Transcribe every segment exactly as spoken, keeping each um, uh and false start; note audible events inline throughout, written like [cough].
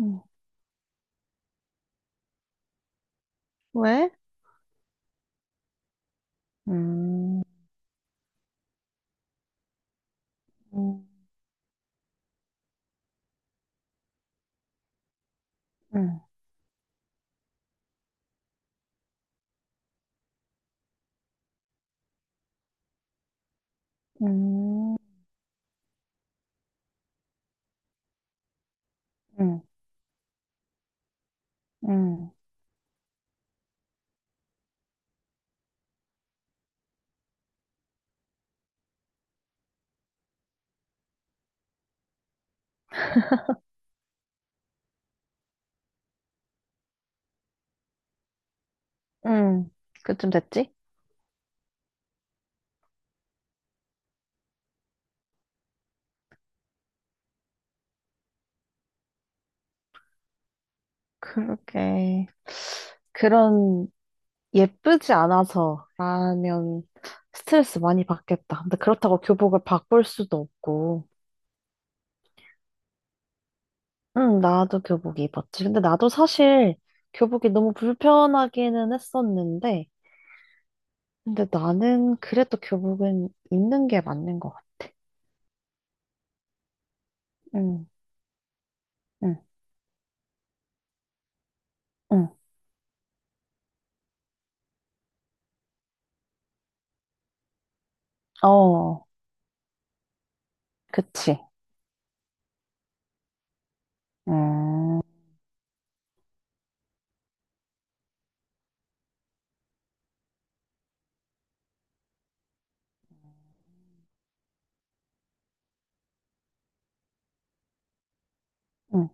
음. 왜? 음, 음, 음, 음, 음, [laughs] 음, 음. 그쯤 됐지? 그러게 그런, 예쁘지 않아서, 라면, 스트레스 많이 받겠다. 근데 그렇다고 교복을 바꿀 수도 없고, 응, 나도 교복 입었지. 근데 나도 사실, 교복이 너무 불편하기는 했었는데, 근데 나는 그래도 교복은 입는 게 맞는 것 같아. 응, 응, 응. 어. 그치. 음, 음,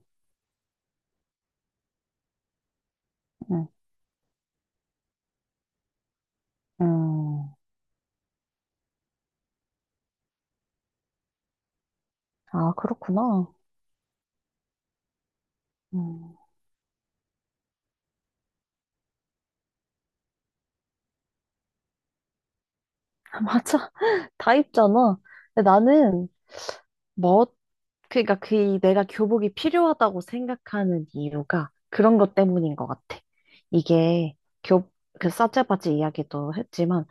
음, 음. 아, 그렇구나. 음, [laughs] 맞아. [laughs] 다 입잖아. 근데 나는, 뭐, 그니까 러그 내가 교복이 필요하다고 생각하는 이유가 그런 것 때문인 것 같아. 이게 교, 그 사체바지 이야기도 했지만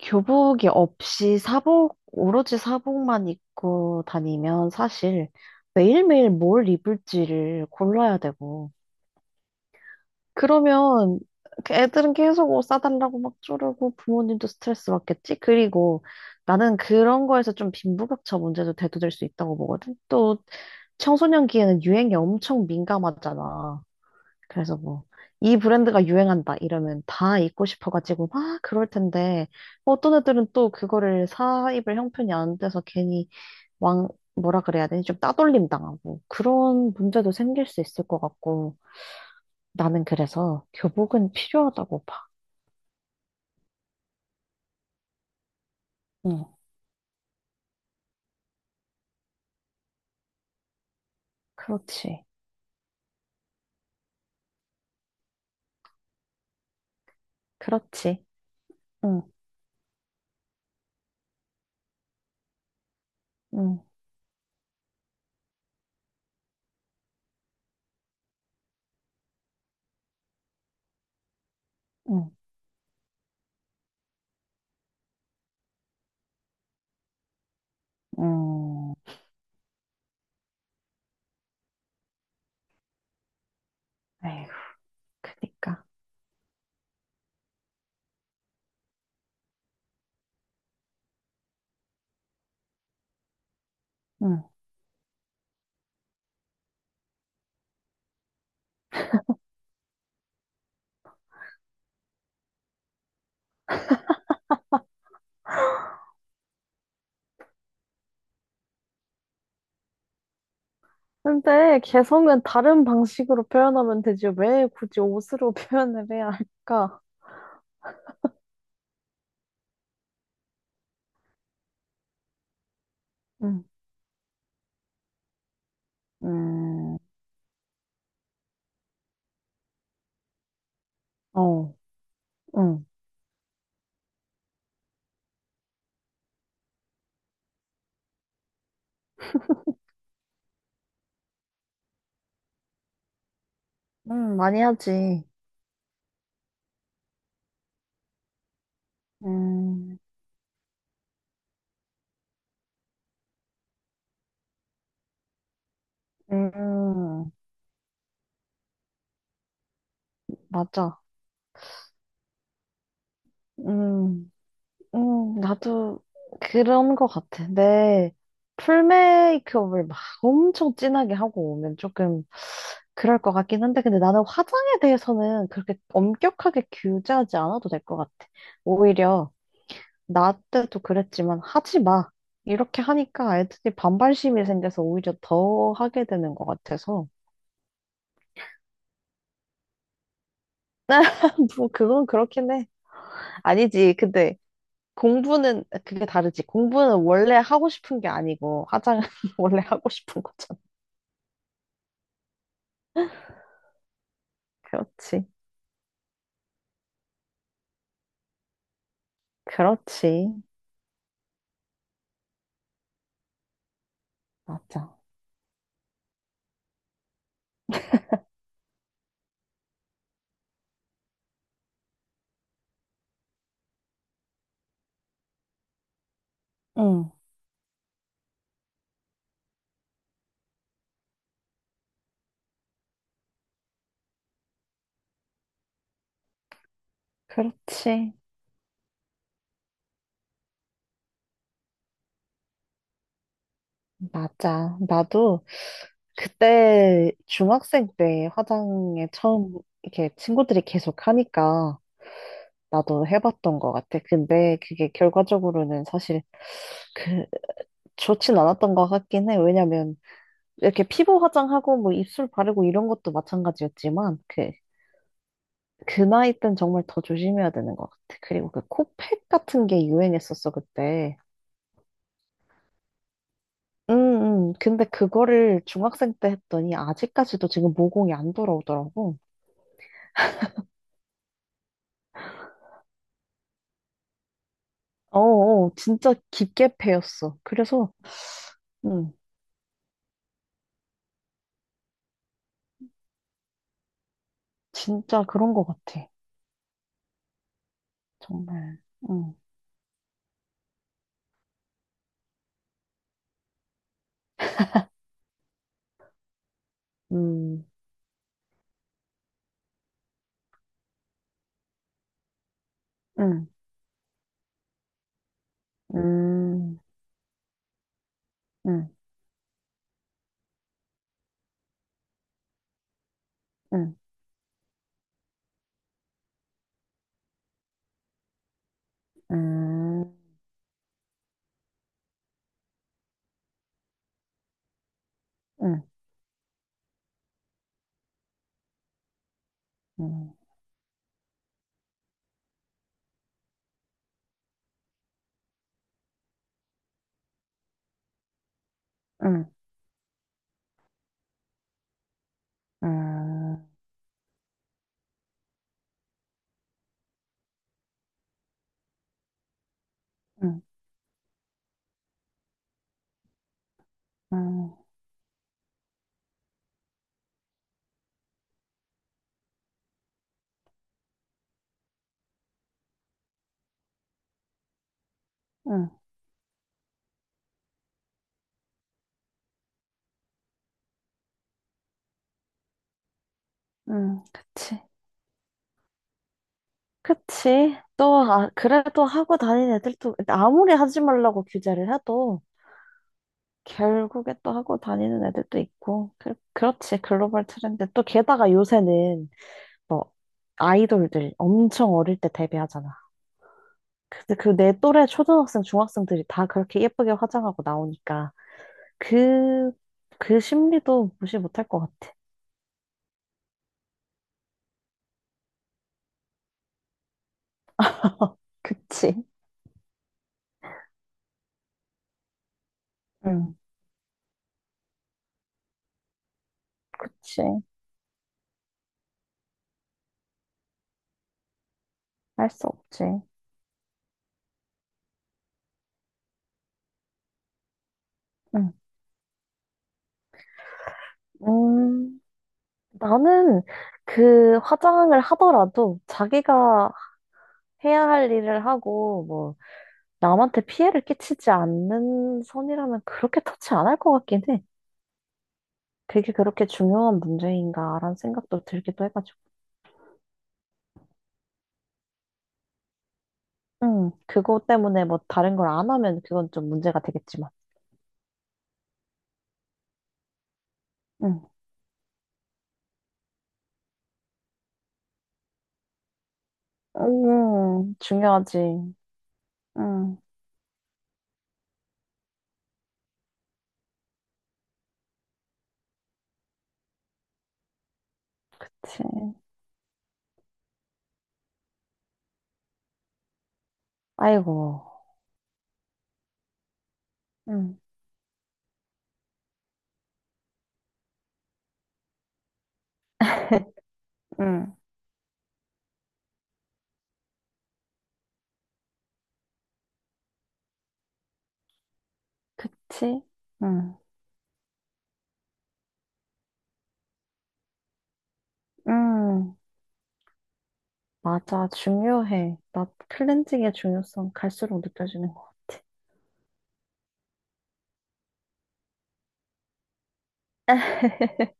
교복이 없이 사복, 오로지 사복만 입고 다니면 사실 매일매일 뭘 입을지를 골라야 되고 그러면 그 애들은 계속 옷 사달라고 막 쪼르고 부모님도 스트레스 받겠지? 그리고 나는 그런 거에서 좀 빈부격차 문제도 대두될 수 있다고 보거든. 또 청소년기에는 유행에 엄청 민감하잖아. 그래서 뭐, 이 브랜드가 유행한다 이러면 다 입고 싶어가지고 막 그럴 텐데, 뭐 어떤 애들은 또 그거를 사 입을 형편이 안 돼서 괜히 왕, 뭐라 그래야 되니? 좀 따돌림 당하고 그런 문제도 생길 수 있을 것 같고. 나는 그래서 교복은 필요하다고 봐. 응, 그렇지. 그렇지. 응, 응, 응, 응 에휴, 그니까. 응. 근데 개성은 다른 방식으로 표현하면 되지. 왜 굳이 옷으로 [laughs] 표현을 해야 할까? 응, 음, 어, 응, 응, 많이 하지. 음, 음, 맞아. 음. 음, 나도 그런 것 같아. 내 풀메이크업을 막 엄청 진하게 하고 오면 조금 그럴 것 같긴 한데, 근데 나는 화장에 대해서는 그렇게 엄격하게 규제하지 않아도 될 것 같아. 오히려 나 때도 그랬지만 하지 마. 이렇게 하니까 애들이 반발심이 생겨서 오히려 더 하게 되는 것 같아서. [laughs] 뭐, 그건 그렇긴 해. 아니지. 근데 공부는 그게 다르지. 공부는 원래 하고 싶은 게 아니고 화장은 [laughs] 원래 하고 싶은 거잖아. 그렇지. 그렇지. 맞아. 응. 그렇지. 맞아. 나도 그때 중학생 때 화장에 처음 이렇게 친구들이 계속 하니까 나도 해봤던 것 같아. 근데 그게 결과적으로는 사실 그 좋진 않았던 것 같긴 해. 왜냐면 이렇게 피부 화장하고 뭐 입술 바르고 이런 것도 마찬가지였지만 그 그 나이 땐 정말 더 조심해야 되는 것 같아. 그리고 그 코팩 같은 게 유행했었어, 그때. 음, 음. 근데 그거를 중학생 때 했더니 아직까지도 지금 모공이 안 돌아오더라고. 어, 어, 진짜 깊게 패였어. 그래서, 음, 진짜 그런 것 같아. 정말. 음, 음, 음, 음, 음, 음, 음, 음, 음, 음, 음, 음, 음, 음, 음, 그치. 그치. 또, 아, 그래도 하고 다니는 애들도, 아무리 하지 말라고 규제를 해도, 결국에 또 하고 다니는 애들도 있고, 그, 그렇지. 글로벌 트렌드. 또 게다가 요새는, 뭐, 아이돌들 엄청 어릴 때 데뷔하잖아. 근데 그 내 또래 초등학생, 중학생들이 다 그렇게 예쁘게 화장하고 나오니까, 그, 그 심리도 무시 못할 것 같아. [laughs] 그치. 응, 그치. 할 수 없지. 응. 음. 나는 그 화장을 하더라도 자기가 해야 할 일을 하고 뭐 남한테 피해를 끼치지 않는 선이라면 그렇게 터치 안 할 것 같긴 해. 그게 그렇게 중요한 문제인가라는 생각도 들기도 해가지고. 음, 그거 때문에 뭐 다른 걸 안 하면 그건 좀 문제가 되겠지만. 음, 음, 중요하지. 음, 그치. 아이고. 음, [laughs] 음, 그치. 음, 음. 맞아, 중요해. 나 클렌징의 중요성 갈수록 느껴지는 것 같아. [laughs]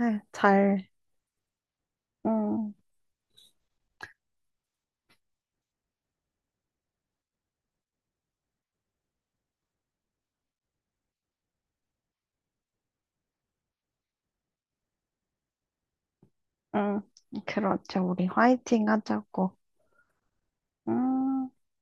아유, 잘, 응, 응, 그렇죠. 우리 화이팅 하자고. 음.